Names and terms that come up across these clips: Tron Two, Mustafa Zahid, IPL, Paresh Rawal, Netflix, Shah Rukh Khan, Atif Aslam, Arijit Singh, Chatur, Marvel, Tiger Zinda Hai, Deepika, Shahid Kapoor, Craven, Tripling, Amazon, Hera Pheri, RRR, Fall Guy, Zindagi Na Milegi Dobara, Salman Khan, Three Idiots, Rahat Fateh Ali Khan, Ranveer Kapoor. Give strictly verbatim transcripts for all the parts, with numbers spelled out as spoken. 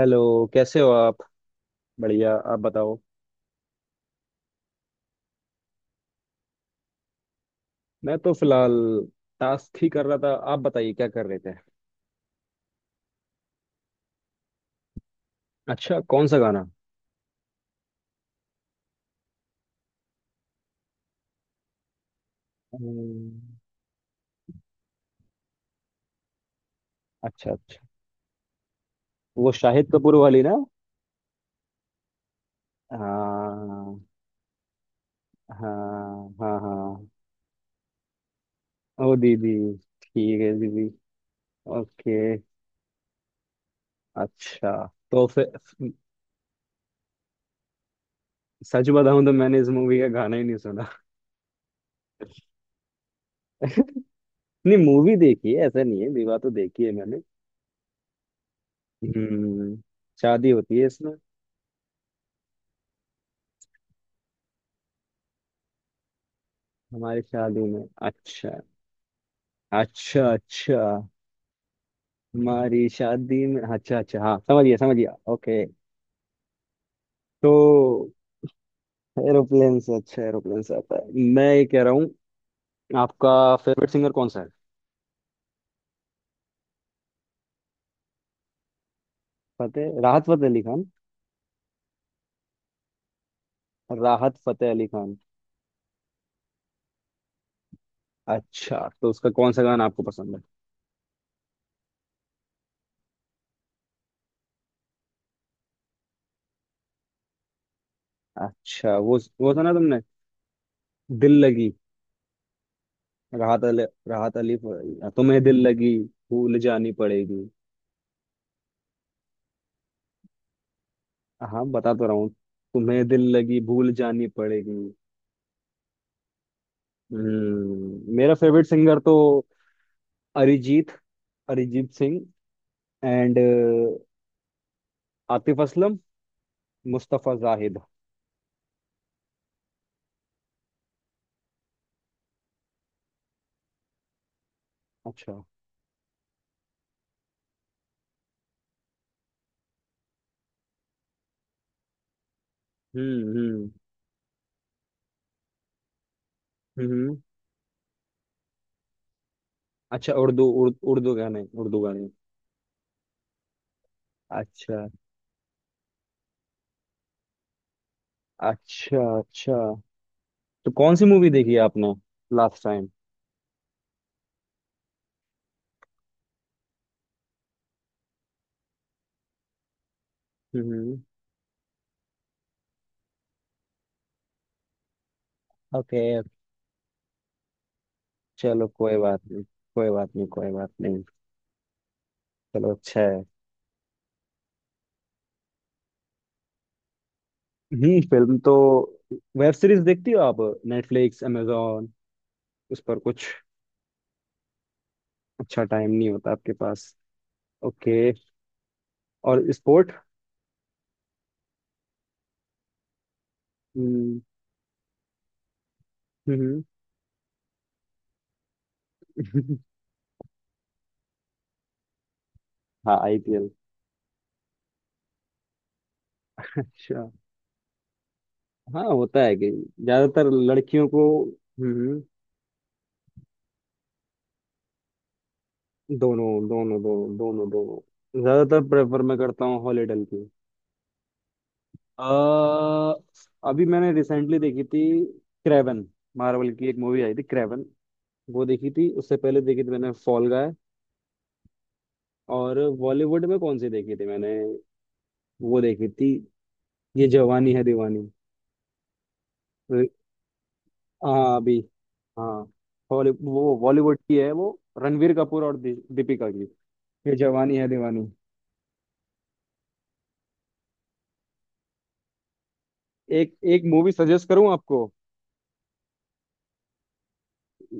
Hello, कैसे हो आप। बढ़िया, आप बताओ। मैं तो फिलहाल टास्क ही कर रहा था, आप बताइए क्या कर रहे थे। अच्छा, कौन सा गाना। हम्म। अच्छा अच्छा, वो शाहिद कपूर वाली ना। हाँ हाँ हाँ हाँ। ओ दीदी, ठीक है दीदी। ओके, अच्छा। तो फिर, सच बताऊं तो मैंने इस मूवी का गाना ही नहीं सुना। नहीं, मूवी देखी है, ऐसा नहीं है, विवाह तो देखी है मैंने। हम्म। शादी होती है इसमें। हमारी शादी में अच्छा अच्छा। अच्छा हमारी शादी में, अच्छा अच्छा, हाँ समझिए समझिए। ओके, तो एरोप्लेन से अच्छा, एरोप्लेन से आता है। मैं ये कह रहा हूँ, आपका फेवरेट सिंगर कौन सा है। फतेह, राहत फतेह अली खान। राहत फतेह अली खान। अच्छा, तो उसका कौन सा गाना आपको पसंद है। अच्छा, वो वो सुना तुमने दिल लगी। राहत अली, राहत अली। तुम्हें दिल लगी भूल जानी पड़ेगी। हाँ, बता तो रहा हूँ। तुम्हें दिल लगी भूल जानी पड़ेगी। हम्म, मेरा फेवरेट सिंगर तो अरिजीत, अरिजीत सिंह, एंड आतिफ असलम, मुस्तफा जाहिद। अच्छा। हम्म हम्म हम्म। अच्छा उर्दू, उर्दू उर्दू गाने, उर्दू गाने। अच्छा अच्छा। अच्छा, तो कौन सी मूवी देखी आपने लास्ट टाइम। हम्म। ओके। चलो कोई बात नहीं, कोई बात नहीं, कोई बात नहीं। चलो अच्छा है। हम्म, फिल्म तो। वेब सीरीज देखती हो आप, नेटफ्लिक्स, amazon, उस पर कुछ। अच्छा, टाइम नहीं होता आपके पास। ओके। और स्पोर्ट। हम्म। हम्म। हम्म। हाँ, आईपीएल। अच्छा। हाँ, होता है कि ज्यादातर लड़कियों को। हम्म हम्म। दोनों दोनों दोनों दोनों दोनों, ज्यादातर प्रेफर मैं करता हूँ हॉलीडल की। अ, अभी मैंने रिसेंटली देखी थी क्रेवन। मार्वल की एक मूवी आई थी, क्रेवन। वो देखी थी, उससे पहले देखी थी मैंने फॉल गाय। और बॉलीवुड में कौन सी देखी थी मैंने, वो देखी थी, ये जवानी है दीवानी। हाँ, अभी। हाँ, हॉली, वो बॉलीवुड की है, वो रणवीर कपूर और दि- दीपिका की, ये जवानी है दीवानी। एक एक मूवी सजेस्ट करूं आपको,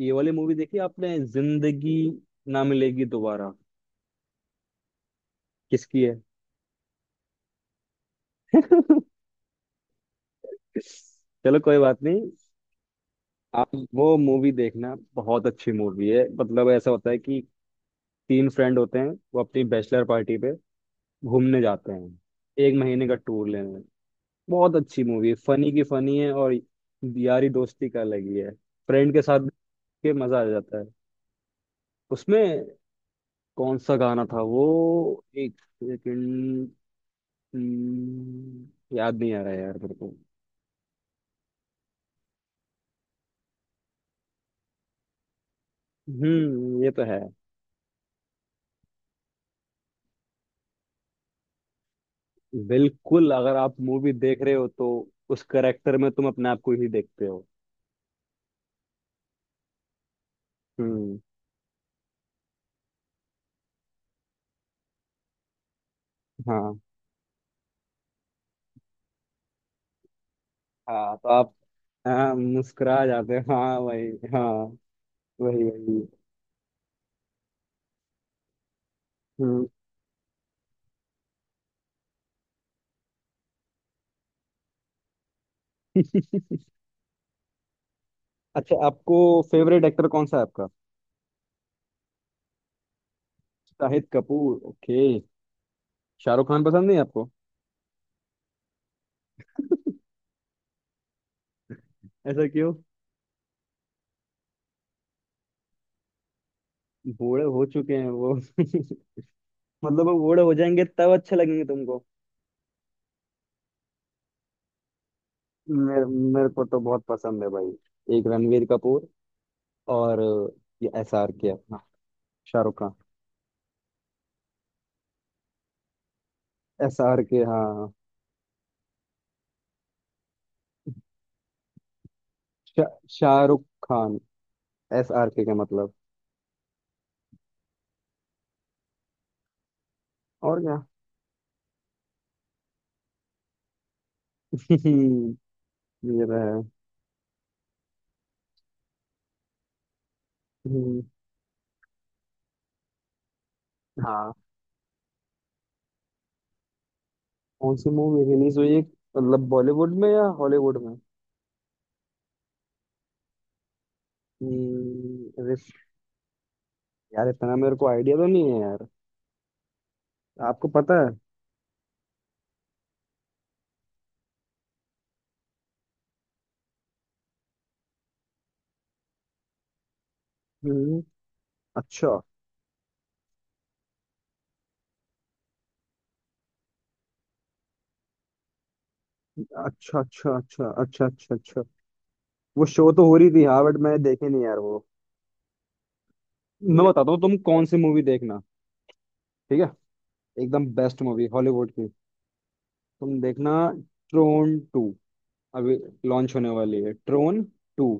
ये वाली मूवी देखी आपने, जिंदगी ना मिलेगी दोबारा। किसकी है। चलो कोई बात नहीं। आप वो मूवी देखना, बहुत अच्छी मूवी है। मतलब ऐसा होता है कि तीन फ्रेंड होते हैं, वो अपनी बैचलर पार्टी पे घूमने जाते हैं, एक महीने का टूर लेने। बहुत अच्छी मूवी है, फनी की फनी है, और यारी दोस्ती का अलग ही है। फ्रेंड के साथ देख के मजा आ जाता है। उसमें कौन सा गाना था वो, एक सेकंड। हम्म, याद नहीं आ रहा है यार मेरे को। हम्म, ये तो है। बिल्कुल, अगर आप मूवी देख रहे हो तो उस करेक्टर में तुम अपने आप को ही देखते हो। हम्म। हाँ। हाँ, तो आप, हाँ मुस्कुरा जाते हो, हाँ वही, हाँ, वही वही। हम्म। अच्छा, आपको फेवरेट एक्टर कौन सा है आपका। शाहिद कपूर, ओके। शाहरुख खान पसंद नहीं आपको। ऐसा क्यों। बूढ़े हो चुके हैं वो। मतलब वो बूढ़े हो जाएंगे तब अच्छे लगेंगे तुमको। मेरे मेरे को तो बहुत पसंद है भाई, एक रणवीर कपूर, और ये एस आर के अपना Shahrukh Khan. S R K, हाँ। Sha, Shahrukh Khan, S R K का मतलब। और क्या। ये रहा है। हम्म, हाँ। कौन सी मूवी रिलीज हुई है मतलब, बॉलीवुड में या हॉलीवुड में। यार इतना मेरे को आइडिया तो नहीं है यार, आपको पता है। हम्म। अच्छा अच्छा अच्छा अच्छा अच्छा अच्छा। अच्छा, वो शो तो हो रही थी हाँ, बट मैंने देखी नहीं यार वो। मैं बताता हूँ तुम कौन सी मूवी देखना। ठीक है, एकदम बेस्ट मूवी हॉलीवुड की, तुम देखना, ट्रोन टू। अभी लॉन्च होने वाली है, ट्रोन टू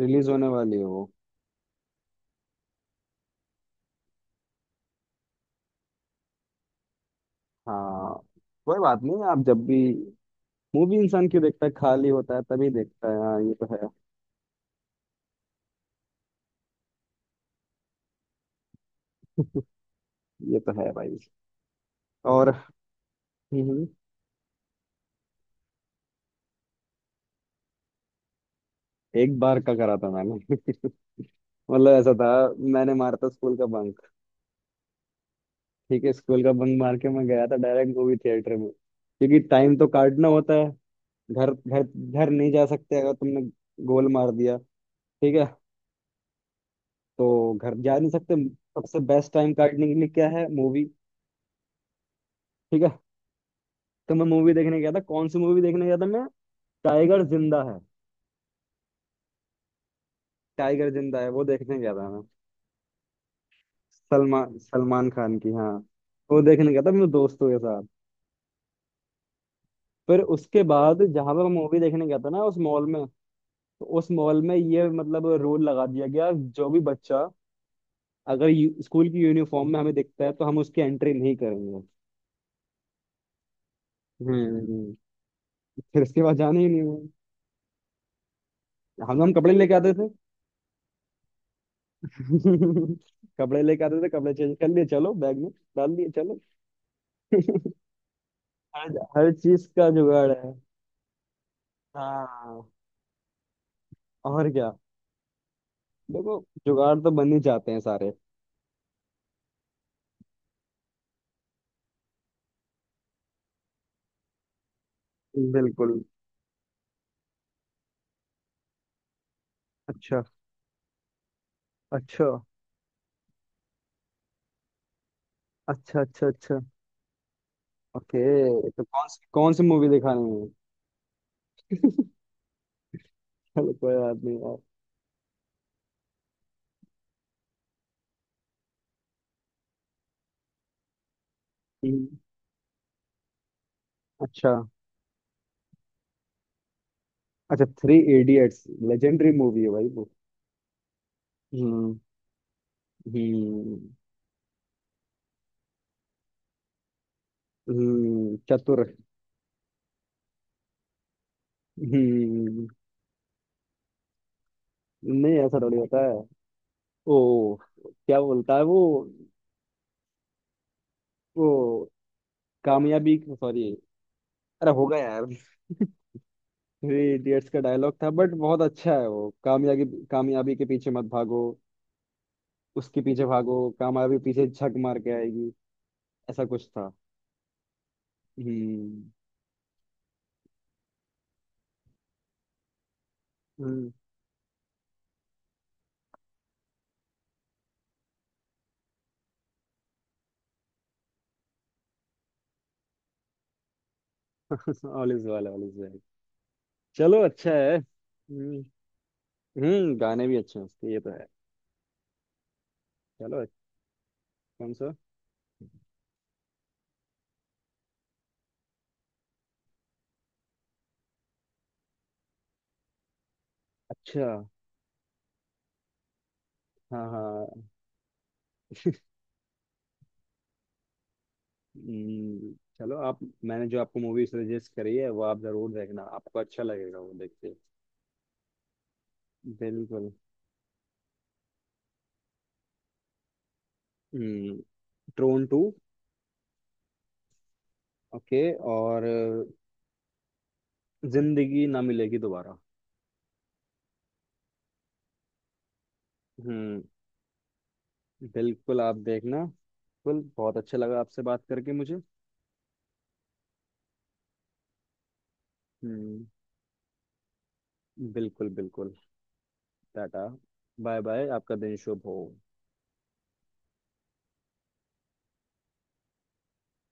रिलीज होने वाली है वो। हाँ। कोई बात नहीं, आप जब भी। मूवी इंसान क्यों देखता है, खाली होता है तभी देखता है। हाँ, ये तो है। ये तो है भाई। और। हम्म, एक बार का करा था मैंने। मतलब ऐसा था, मैंने मारा था स्कूल का बंक। ठीक है, स्कूल का बंक मार के मैं गया था डायरेक्ट मूवी थिएटर में, क्योंकि टाइम तो काटना होता है। घर घर घर नहीं जा सकते, अगर तुमने गोल मार दिया। ठीक है, तो घर जा नहीं सकते। सबसे बेस्ट टाइम काटने के लिए क्या है, मूवी। ठीक है, तो मैं मूवी देखने गया था। कौन सी मूवी देखने गया था मैं, टाइगर जिंदा है। टाइगर जिंदा है, वो देखने गया था मैं। सलमान सलमान खान की, हाँ। वो देखने गया था मेरे दोस्तों के साथ। फिर उसके बाद जहां पर मैं मूवी देखने गया था ना, उस मॉल में, तो उस मॉल में ये मतलब रूल लगा दिया गया, जो भी बच्चा अगर यू- स्कूल की यूनिफॉर्म में हमें दिखता है तो हम उसकी एंट्री नहीं करेंगे। हम्म, फिर उसके बाद जाने ही नहीं हुआ। हम हम कपड़े लेके आते थे। कपड़े लेके आते थे, कपड़े चेंज कर लिए, चलो बैग में डाल दिए, चलो। हर हर चीज का जुगाड़ है। हाँ, और क्या, देखो, जुगाड़ तो बन ही जाते हैं सारे। बिल्कुल। अच्छा अच्छा अच्छा अच्छा अच्छा। ओके, तो कौन सी कौन सी मूवी दिखानी है। चलो कोई बात नहीं यार। हम्म, अच्छा अच्छा। थ्री इडियट्स, लेजेंडरी मूवी है भाई वो। हम्म हम्म हम्म, चतुर। हम्म, नहीं ऐसा थोड़ी होता है। ओ, क्या बोलता है वो वो कामयाबी, सॉरी, अरे होगा यार, थ्री इडियट्स का डायलॉग था बट बहुत अच्छा है वो। कामयाबी, कामयाबी के पीछे मत भागो, उसके पीछे भागो, कामयाबी पीछे झक मार के आएगी। ऐसा कुछ था। हम्म हम्म। All is well, all is well. चलो अच्छा है। हम्म, हम्म, गाने भी अच्छे हैं उसके, ये तो है। चलो, कौन सा। अच्छा। हाँ हाँ, हम्म, चलो आप, मैंने जो आपको मूवी सजेस्ट करी है वो आप जरूर देखना, आपको अच्छा लगेगा वो देख के। बिल्कुल। हम्म, ट्रोन टू, ओके, और अ, जिंदगी ना मिलेगी दोबारा। हम्म, बिल्कुल आप देखना बिल्कुल, बहुत अच्छा लगा आपसे बात करके मुझे। हम्म, बिल्कुल बिल्कुल। टाटा, बाय बाय, आपका दिन शुभ हो।